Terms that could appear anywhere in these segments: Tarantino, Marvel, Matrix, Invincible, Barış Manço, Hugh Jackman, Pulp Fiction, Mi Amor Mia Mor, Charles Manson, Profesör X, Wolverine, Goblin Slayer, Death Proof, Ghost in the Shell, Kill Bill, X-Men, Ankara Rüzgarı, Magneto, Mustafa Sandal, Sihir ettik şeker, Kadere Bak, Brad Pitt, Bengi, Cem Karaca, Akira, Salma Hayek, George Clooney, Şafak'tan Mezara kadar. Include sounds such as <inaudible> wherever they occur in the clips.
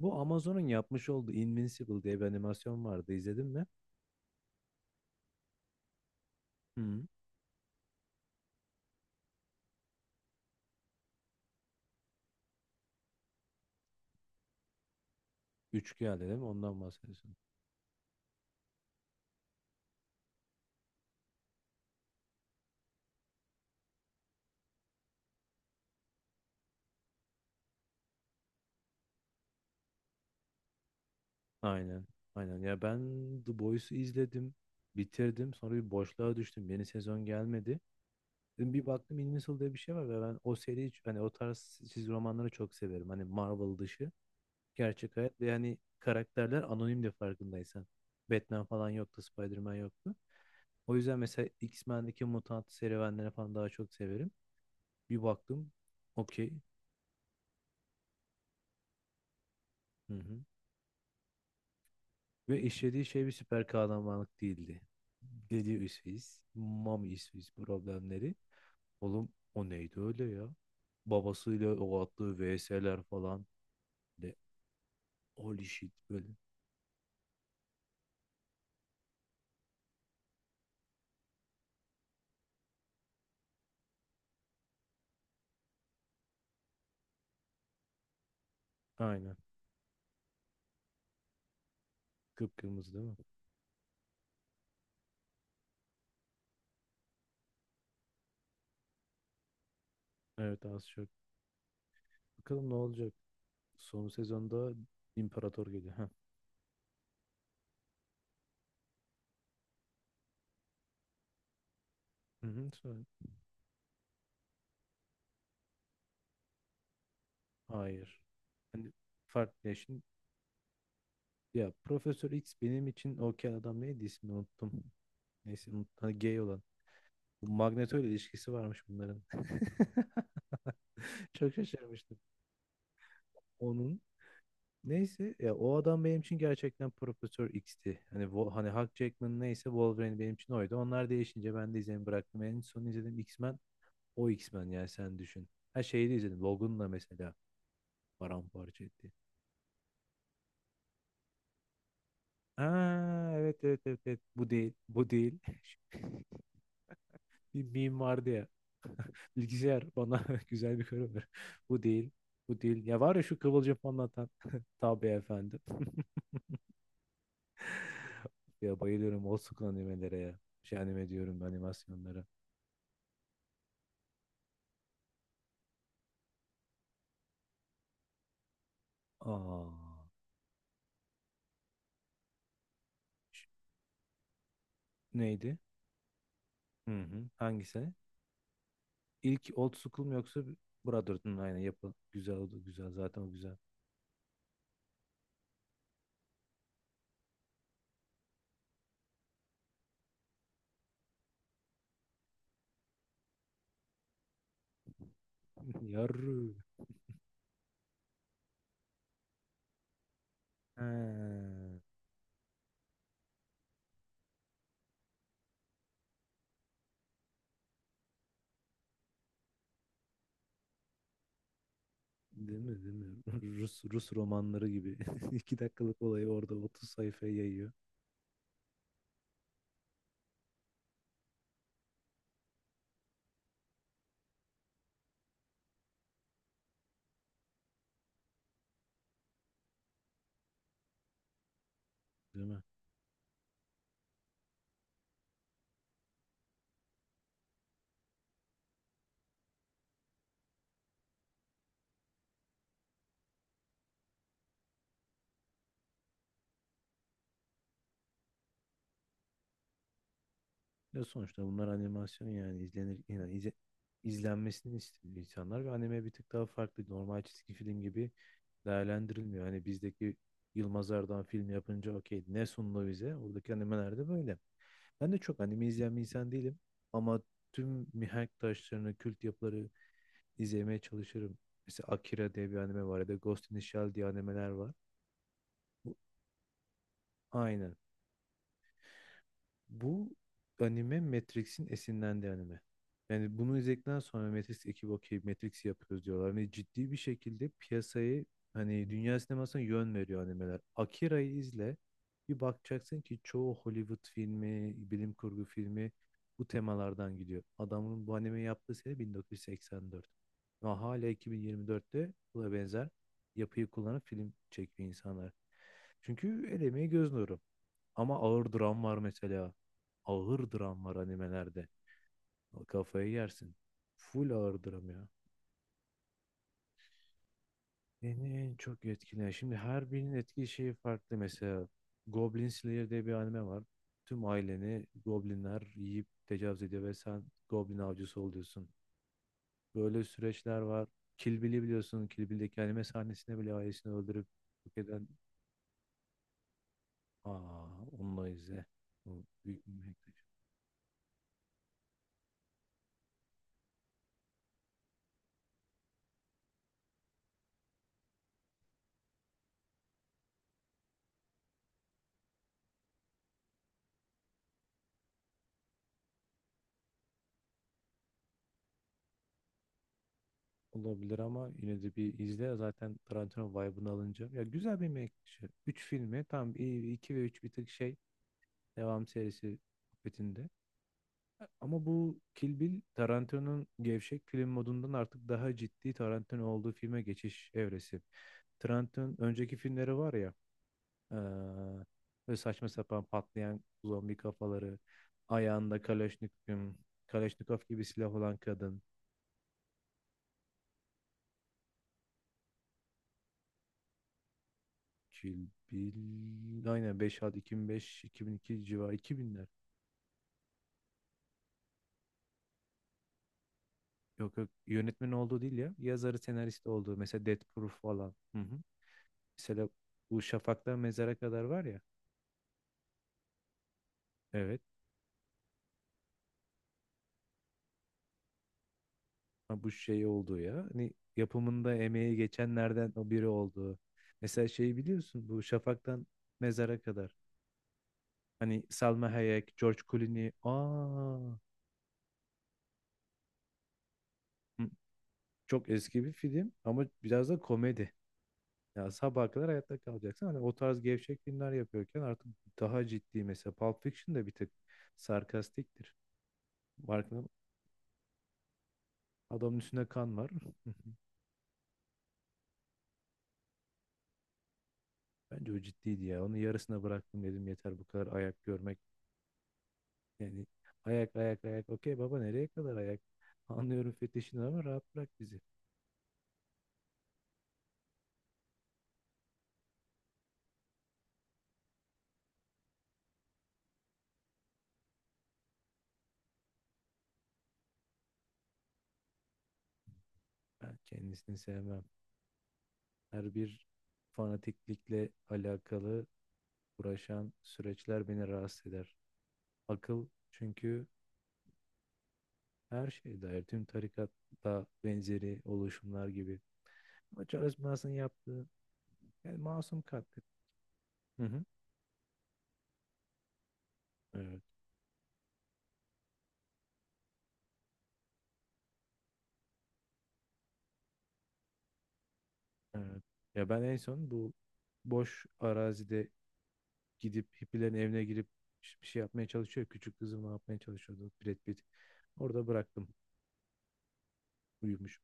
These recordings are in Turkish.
Bu Amazon'un yapmış olduğu Invincible diye bir animasyon vardı. İzledin mi? Hı. Üç geldi değil mi? Ondan bahsediyorsun. Aynen. Aynen. Ya ben The Boys'u izledim. Bitirdim. Sonra bir boşluğa düştüm. Yeni sezon gelmedi. Dedim bir baktım Invincible diye bir şey var ve ben o seri hiç hani o tarz çizgi romanları çok severim. Hani Marvel dışı. Gerçek hayat ve hani karakterler anonim de farkındaysan. Batman falan yoktu. Spider-Man yoktu. O yüzden mesela X-Men'deki mutant serüvenleri falan daha çok severim. Bir baktım. Okey. Hı hı. Ve işlediği şey bir süper kahramanlık değildi. Dedi İsviz. Mami İsviz problemleri. Oğlum o neydi öyle ya? Babasıyla o attığı VS'ler falan. De, Holy shit böyle. Aynen. Kıpkırmızı değil mi? Evet az çok. Bakalım ne olacak? Son sezonda İmparator geliyor. Heh. Hı hı, hayır. Hani farklı ya. Ya Profesör X benim için okey adam neydi, ismini unuttum. Neyse, hani gay olan. Bu Magneto ile ilişkisi varmış bunların. <laughs> Çok şaşırmıştım. Onun neyse ya, o adam benim için gerçekten Profesör X'ti. Hani hani Hugh Jackman, neyse, Wolverine benim için oydu. Onlar değişince ben de izlemeyi bıraktım. En son izlediğim X-Men o X-Men, yani sen düşün. Her şeyi de izledim. Logan'la mesela paramparça etti. Aa, evet evet evet evet, bu değil, bu değil. <laughs> Bir meme vardı ya. <laughs> Bilgisayar bana <laughs> güzel bir konu ver. Bu değil. Bu değil. Ya var ya şu kıvılcım anlatan. <laughs> Tabii efendim. <laughs> Ya bayılıyorum old school animelere ya. Şey, anime diyorum animasyonlara. Aa, ş- Neydi? Hı hı. Hangisi? İlk old school mu yoksa Brotherhood mu? Aynen yapı. Güzel oldu. Güzel, zaten o güzel. <laughs> Yarrı. Ha, Değil mi? Değil mi? <laughs> Rus, Rus romanları gibi. <laughs> İki dakikalık olayı orada 30 sayfaya yayıyor. Değil mi? Ya sonuçta bunlar animasyon, yani izlenir, yani izlenmesini istiyor insanlar ve anime bir tık daha farklı. Normal çizgi film gibi değerlendirilmiyor. Hani bizdeki Yılmaz Erdoğan film yapınca okey, ne sundu bize? Oradaki animelerde böyle. Ben de çok anime izleyen bir insan değilim ama tüm mihenk taşlarını, kült yapıları izlemeye çalışırım. Mesela Akira diye bir anime var ya da Ghost in the Shell diye animeler var. Bu, aynen. Bu anime Matrix'in esinlendiği anime. Yani bunu izledikten sonra Matrix ekibi okey, Matrix yapıyoruz diyorlar. Ve ciddi bir şekilde piyasayı, hani dünya sinemasına yön veriyor animeler. Akira'yı izle. Bir bakacaksın ki çoğu Hollywood filmi, bilim kurgu filmi bu temalardan gidiyor. Adamın bu anime yaptığı sene 1984. Ama hala 2024'te buna benzer yapıyı kullanan film çekiyor insanlar. Çünkü el emeği göz nuru. Ama ağır dram var mesela. Ağır dram var animelerde. Kafayı yersin. Full ağır dram ya. Beni en çok etkileyen. Şimdi her birinin etki şeyi farklı. Mesela Goblin Slayer diye bir anime var. Tüm aileni goblinler yiyip tecavüz ediyor ve sen goblin avcısı oluyorsun. Böyle süreçler var. Kill Bill'i biliyorsun. Kill Bill'deki anime sahnesinde bile ailesini öldürüp yok eden. Aa, onunla izle. Bu büyük bir mevzu. Olabilir ama yine de bir izle. Zaten Tarantino vibe'ını alınca. Ya güzel bir yemek. Üç filmi tam, iki ve üç bir tık şey. Devam serisi muhabbetinde. Ama bu Kill Bill Tarantino'nun gevşek film modundan artık daha ciddi Tarantino olduğu filme geçiş evresi. Tarantino'nun önceki filmleri var ya, eee böyle saçma sapan patlayan zombi kafaları, ayağında Kalashnikov, Kalashnikov gibi silah olan kadın. Kill Bill. Aynen, 5 ad, 2005, 2002 civarı, 2000'ler. Yok yok, yönetmen olduğu değil ya. Yazarı, senarist olduğu. Mesela Death Proof falan. Hı hı. Mesela bu Şafak'tan Mezara kadar var ya. Evet. Ha, bu şey olduğu ya. Hani yapımında emeği geçenlerden o biri olduğu. Mesela şeyi biliyorsun, bu Şafak'tan Mezara kadar. Hani Salma Hayek, George Clooney. Hı, çok eski bir film ama biraz da komedi. Ya sabaha kadar hayatta kalacaksın. Hani o tarz gevşek filmler yapıyorken artık daha ciddi, mesela Pulp Fiction de bir tık sarkastiktir. Farkında, adamın üstüne kan var. <laughs> Bence o ciddiydi ya. Onu yarısına bıraktım, dedim yeter bu kadar ayak görmek. Yani ayak ayak ayak. Okey baba, nereye kadar ayak? <laughs> Anlıyorum fetişini ama rahat bırak bizi. Ben kendisini sevmem. Her bir fanatiklikle alakalı uğraşan süreçler beni rahatsız eder. Akıl çünkü her şey dair, tüm tarikatta benzeri oluşumlar gibi. Ama Charles Manson yaptığı, yani masum katil. Hı hı. Evet, evet. Ya ben en son bu boş arazide gidip hippilerin evine girip bir şey yapmaya çalışıyor. Küçük kızım ne yapmaya çalışıyordu Brad Pitt. Orada bıraktım. Uyumuş.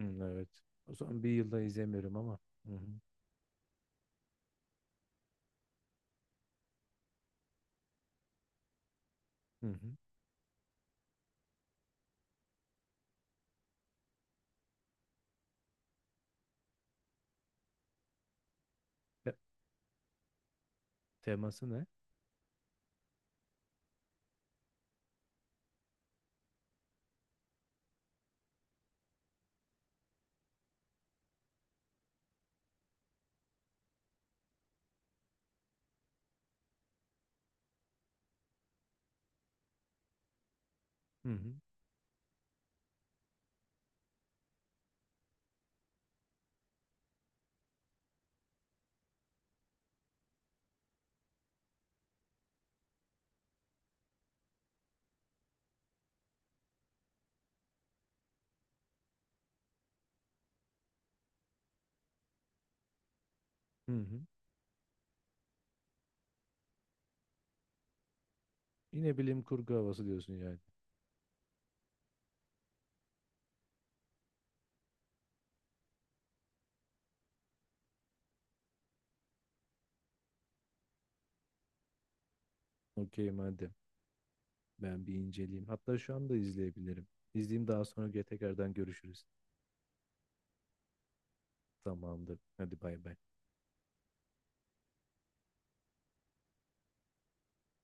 Hı, evet. O zaman bir yılda izlemiyorum ama. Hı hı. Hı hı. Te- Teması ne? Hı hı. Hı hı. Yine bilim kurgu havası diyorsun yani. Okey madem. Ben bir inceleyeyim. Hatta şu anda izleyebilirim. İzleyeyim, daha sonra tekrardan görüşürüz. Tamamdır. Hadi bay bay.